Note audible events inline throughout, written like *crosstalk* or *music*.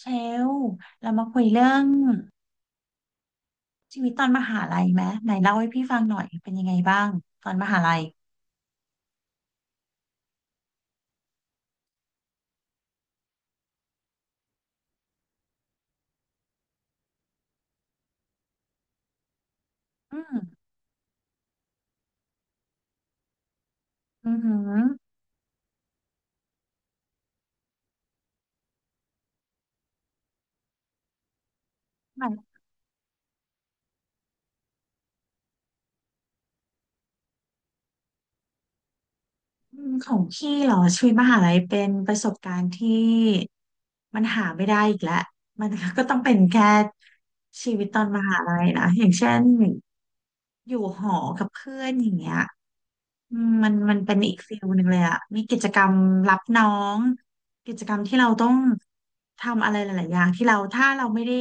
เชลเรามาคุยเรื่องชีวิตตอนมหาลัยไหมไหนเล่าให้พี่ฟังหน่อยเป็นยังไงบ้างตอนมหาลัยอืมอือหือหมายอืมของพี่เหรอชีวิตมหาลัยเป็นประสบการณ์ที่มันหาไม่ได้อีกแล้วมันก็ต้องเป็นแค่ชีวิตตอนมหาลัยนะอย่างเช่น อยู่หอกับเพื่อนอย่างเงี้ยอืมมันเป็นอีกฟิลหนึ่งเลยอะมีกิจกรรมรับน้องกิจกรรมที่เราต้องทำอะไรหลายๆอย่างที่เราถ้าเราไม่ได้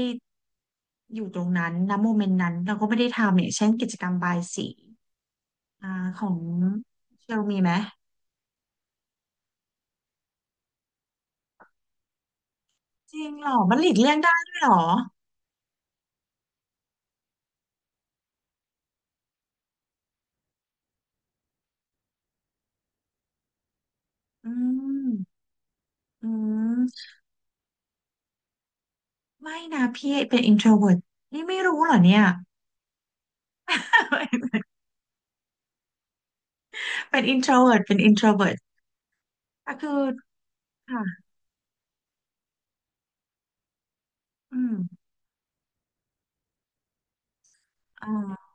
อยู่ตรงนั้นณโมเมนต์นั้นเราก็ไม่ได้ทำเนี่ยเช่นกิจกรรมบายสีอ่าของเชลมีไหมจริงเหรอมันหลีกเลี่ยงได้ด้วยเหรออืมอืมไม่นะพี่เป็น introvert นี่ไม่รู้เหรอเนี่ย *laughs* เป็น introvert เป็น introvert แต่คือค่ะอืม อ่า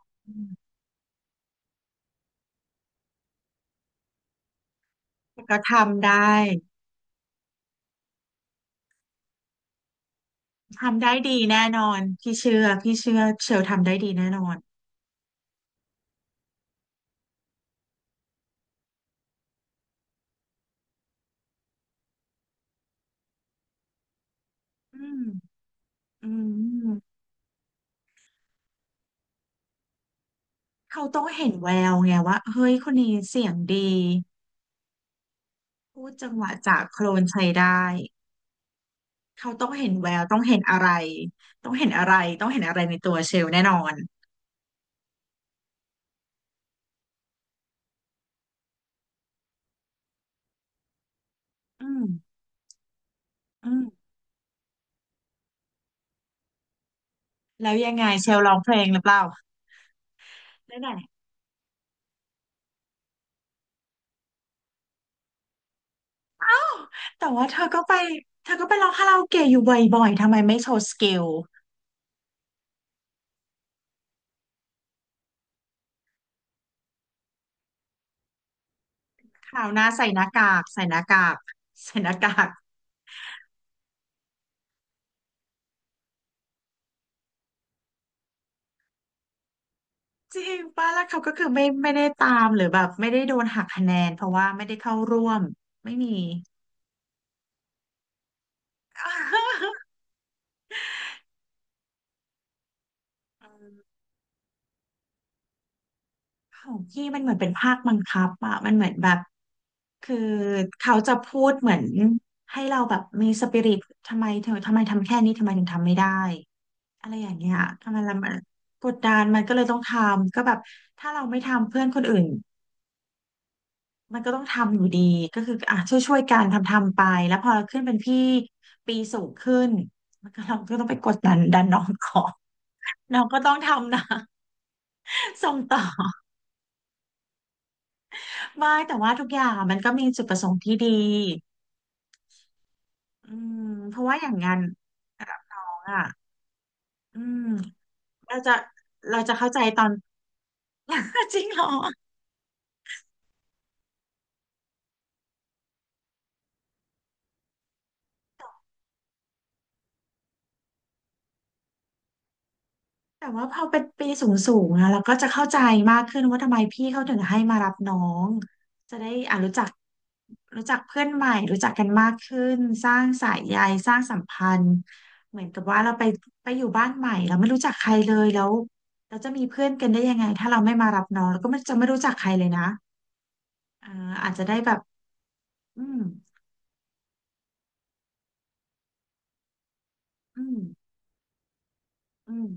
ก็ทำได้ทำได้ดีแน่นอนพี่เชื่อพี่เชื่อเชลทำได้ดีแน่นอนอืมอืมเขาต้องเห็นแววไงว่าเฮ้ยคนนี้เสียงดีพูดจังหวะจากโคลนใช้ได้เขาต้องเห็นแววต้องเห็นอะไรต้องเห็นอะไรต้องเห็นอะไรในตัวเชลแน่นอนอืมอืมแล้วยังไงเชลร้องเพลงหรือเปล่าได้ไหน *gasps* แต่ว่าเธอก็ไปเธอก็ไปร้องคาราโอเกะอยู่บ่อยๆทำไมไม่โชว์สกิล ข่าวหน้าใส่หน้ากากใส่หน้ากากใส่หน้ากากจริงป้าแล้วเขาก็คือไม่ได้ตามหรือแบบไม่ได้โดนหักคะแนนเพราะว่าไม่ได้เข้าร่วมไม่มีของพี่มันเหมือนเป็นภาคบังคับอะมันเหมือนแบบคือเขาจะพูดเหมือนให้เราแบบมีสปิริตทำไมเธอทำไมทำแค่นี้ทำไมถึงทำไม่ได้อะไรอย่างเงี้ยทำไมเรามันกดดันมันก็เลยต้องทำก็แบบถ้าเราไม่ทำเพื่อนคนอื่น มันก็ต้องทำอยู่ดีก็คืออ่ะช่วยกันทำทำไปแล้วพอเราขึ้นเป็นพี่ปีสูงขึ้นมันเราก็ต้องไปกดดันน้องก่อนน้องก็ต้องทำนะ *laughs* ส่งต่อไม่แต่ว่าทุกอย่างมันก็มีจุดประสงค์ที่ดีอืมเพราะว่าอย่างงานอ่ะอืมเราจะเราจะเข้าใจตอน *laughs* จริงเหรอ แต่ว่าพอเป็นปีสูงสูงอะเราก็จะเข้าใจมากขึ้นว่าทำไมพี่เขาถึงให้มารับน้องจะได้อ่ารู้จักรู้จักเพื่อนใหม่รู้จักกันมากขึ้นสร้างสายใยสร้างสัมพันธ์เหมือนกับว่าเราไปไปอยู่บ้านใหม่เราไม่รู้จักใครเลยแล้วเราจะมีเพื่อนกันได้ยังไงถ้าเราไม่มารับน้องเราก็ไม่จะไม่รู้จักใครเลยนะเอออาจจะได้แบบอืมอืมอืม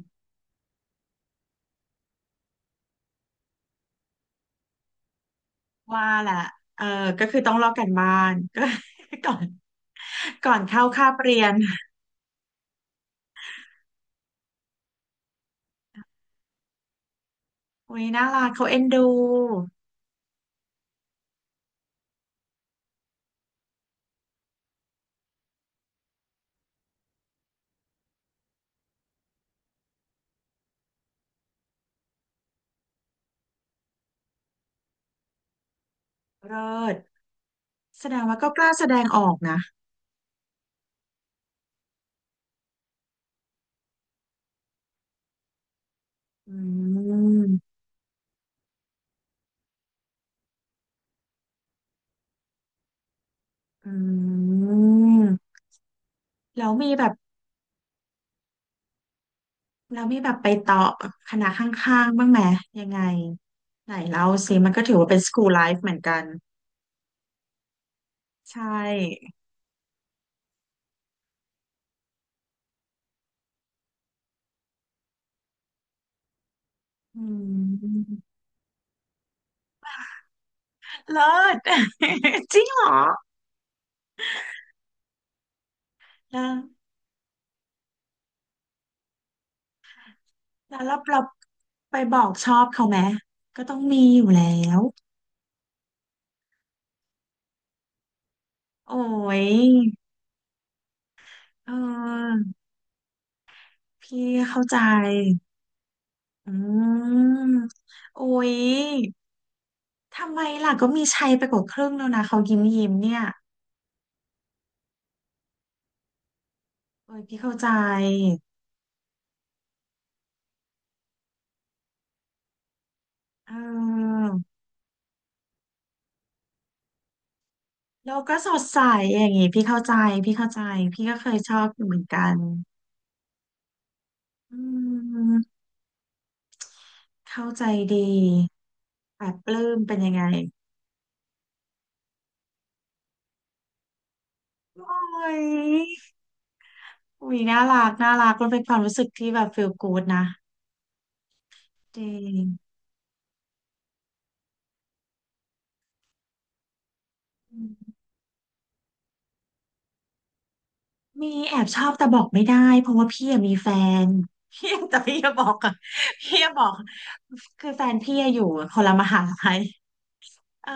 ว่าแหละเออก็คือต้องลอกกันบ้านก็ *laughs* ก่อนก่อนเข้าคาบเรียน อุ้ยน่ารักเขาเอ็นดูเลิศแสดงว่าก็กล้าแสดงออกนะ อืมอืมแล้วมีแบบแล้วมีแบบไปต่อคณะข้างๆบ้างไหมยังไงไหนเล่าสิมันก็ถือว่าเป็นสกู l ไลฟ์เหมือนกันใช่อืมเลิศ *laughs* จริงเหรอแล้วแล้วเราไปบอกชอบเขาไหมก็ต้องมีอยู่แล้วโอ้ยเออพี่เข้าใจ อืมโอ้ยทำไมล่ะก็มีชัยไปกว่าครึ่งแล้วนะเขายิ้มยิ้มเนี่ยโอ้ยพี่เข้าใจเออแล้วก็สดใสอย่างงี้พี่เข้าใจพี่เข้าใจพี่ก็เคยชอบอยู่เหมือนกันอืมเข้าใจดีแบบปลื้มเป็นยังไงโอ้ยอุ้ยน่ารักน่ารักมันเป็นความรู้สึกที่แบบ feel good นะจริง มีแอบชอบแต่บอกไม่ได้เพราะว่าพี่อะมีแฟน *laughs* พี่แต่พี่จะบอกอะพี่จะบอกคือแฟนพี่อะอยู่คนละมหาลัยเออ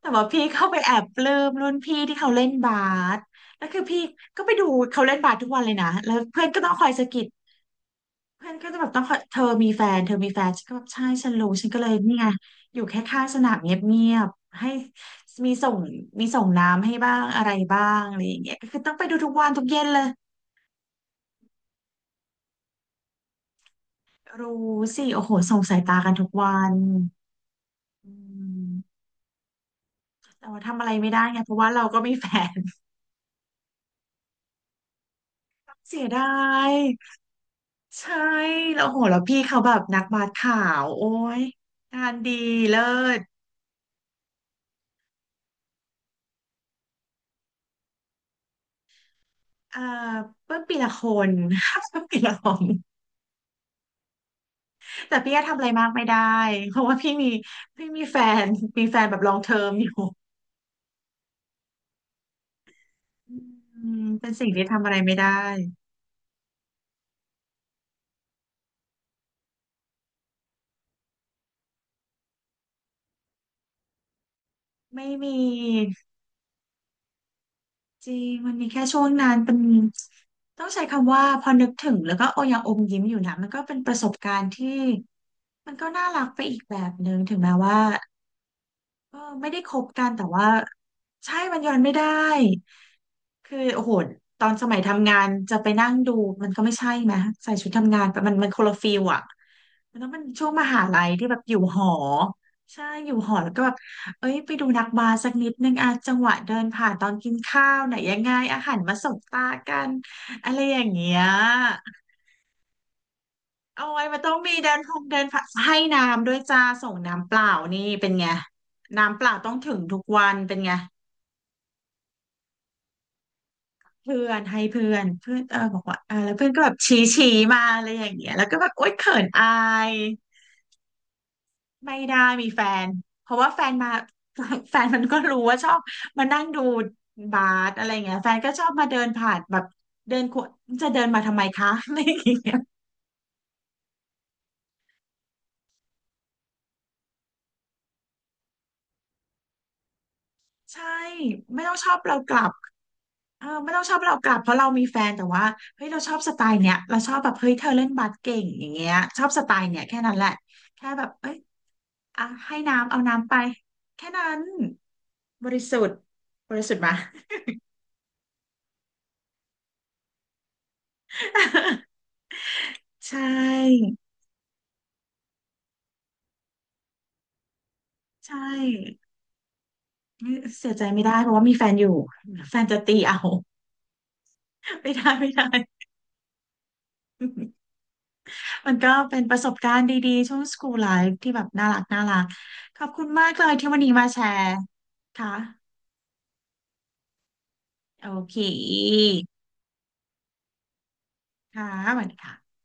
แต่ว่าพี่เข้าไปแอบปลื้มรุ่นพี่ที่เขาเล่นบาสแล้วคือพี่ก็ไปดูเขาเล่นบาสทุกวันเลยนะแล้วเพื่อนก็ต้องคอยสะกิดเพื่อนก็จะแบบต้องคอยเธอมีแฟนเธอมีแฟนฉันก็แบบใช่ฉันรู้ฉันก็เลยนี่ไงอยู่แค่ข้างสนามเงียบๆให้มีส่งมีส่งน้ำให้บ้างอะไรบ้างอะไรอย่างเงี้ยก็คือต้องไปดูทุกวันทุกเย็นเลย รู้สิโอ้โหส่งสายตากันทุกวันอืมแต่ว่าทำอะไรไม่ได้ไงเพราะว่าเราก็มีแฟน *laughs* เสียดายใช่แล้วโหแล้วพี่เขาแบบนักบาสขาวโอ้ยงานดีเลิศเอ่อเพิ่มปีละคน *laughs* เพิ่มปีละคนแต่พี่ก็ทำอะไรมากไม่ได้เพราะว่าพี่มีแฟนมีแฟนแบบลองเทอมอยู่อืมเป็นสิ่งที่ทำอะไรไม่ได้ไม่มี จริงมันมีแค่ช่วงนั้นเป็นต้องใช้คำว่าพอนึกถึงแล้วก็โอยังอมยิ้มอยู่นะมันก็เป็นประสบการณ์ที่มันก็น่ารักไปอีกแบบหนึ่งถึงแม้ว่า ก็ไม่ได้คบกันแต่ว่าใช่มันย้อนไม่ได้คือโอ้โหตอนสมัยทำงานจะไปนั่งดูมันก็ไม่ใช่ไหมใส่ชุดทำงานไปมันคนละฟิลอะมันต้องเป็นช่วงมหาลัยที่แบบอยู่หอใช่อยู่หอแล้วก็แบบเอ้ยไปดูนักบาสสักนิดนึงอะจังหวะเดินผ่านตอนกินข้าวไหนยังไงอาหารมาสบตากันอะไรอย่างเงี้ย โอ้ยมันต้องมีเดินพงเดินผักให้น้ำด้วยจ้าส่งน้ำเปล่านี่เป็นไงน้ำเปล่าต้องถึงทุกวันเป็นไงเพื่อนให้เพื่อนเพื่อนเออบอกว่าเออแล้วเพื่อนก็แบบชี้ชี้มาอะไรอย่างเงี้ยแล้วก็แบบโอ๊ยเขินอายไม่ได้มีแฟนเพราะว่าแฟนมา *laughs* แฟนมันก็รู้ว่าชอบมานั่งดูบาสอะไรเงี้ยแฟนก็ชอบมาเดินผ่านแบบเดินขวจะเดินมาทำไมคะอะไรอย่างเงี้ยใช่ไม่ต้องชอบเรากลับ เออไม่ต้องชอบเรากลับเพราะเรามีแฟนแต่ว่าเฮ้ยเราชอบสไตล์เนี้ยเราชอบแบบเฮ้ยเธอเล่นบาสเก่งอย่างเงี้ยชอบสไตล์เนี้ยแค่นั้นแหละแค่แบบเอ้ยอ่ะให้น้ำเอาน้ำไปแค่นั้นบริสุทธิ์บริสุทธิ์มา *laughs* ใช่ใช่นี่เสียใจไม่ได้เพราะว่ามีแฟนอยู่แฟนจะตีเอา *laughs* ไม่ได้ไม่ได้ *laughs* มันก็เป็นประสบการณ์ดีๆช่วง School Life ที่แบบน่ารักน่ารักขอบคุณมากเลยที่วันนี้มาแชร์ค่ะ โอเคค่ะสวัสดีค่ะ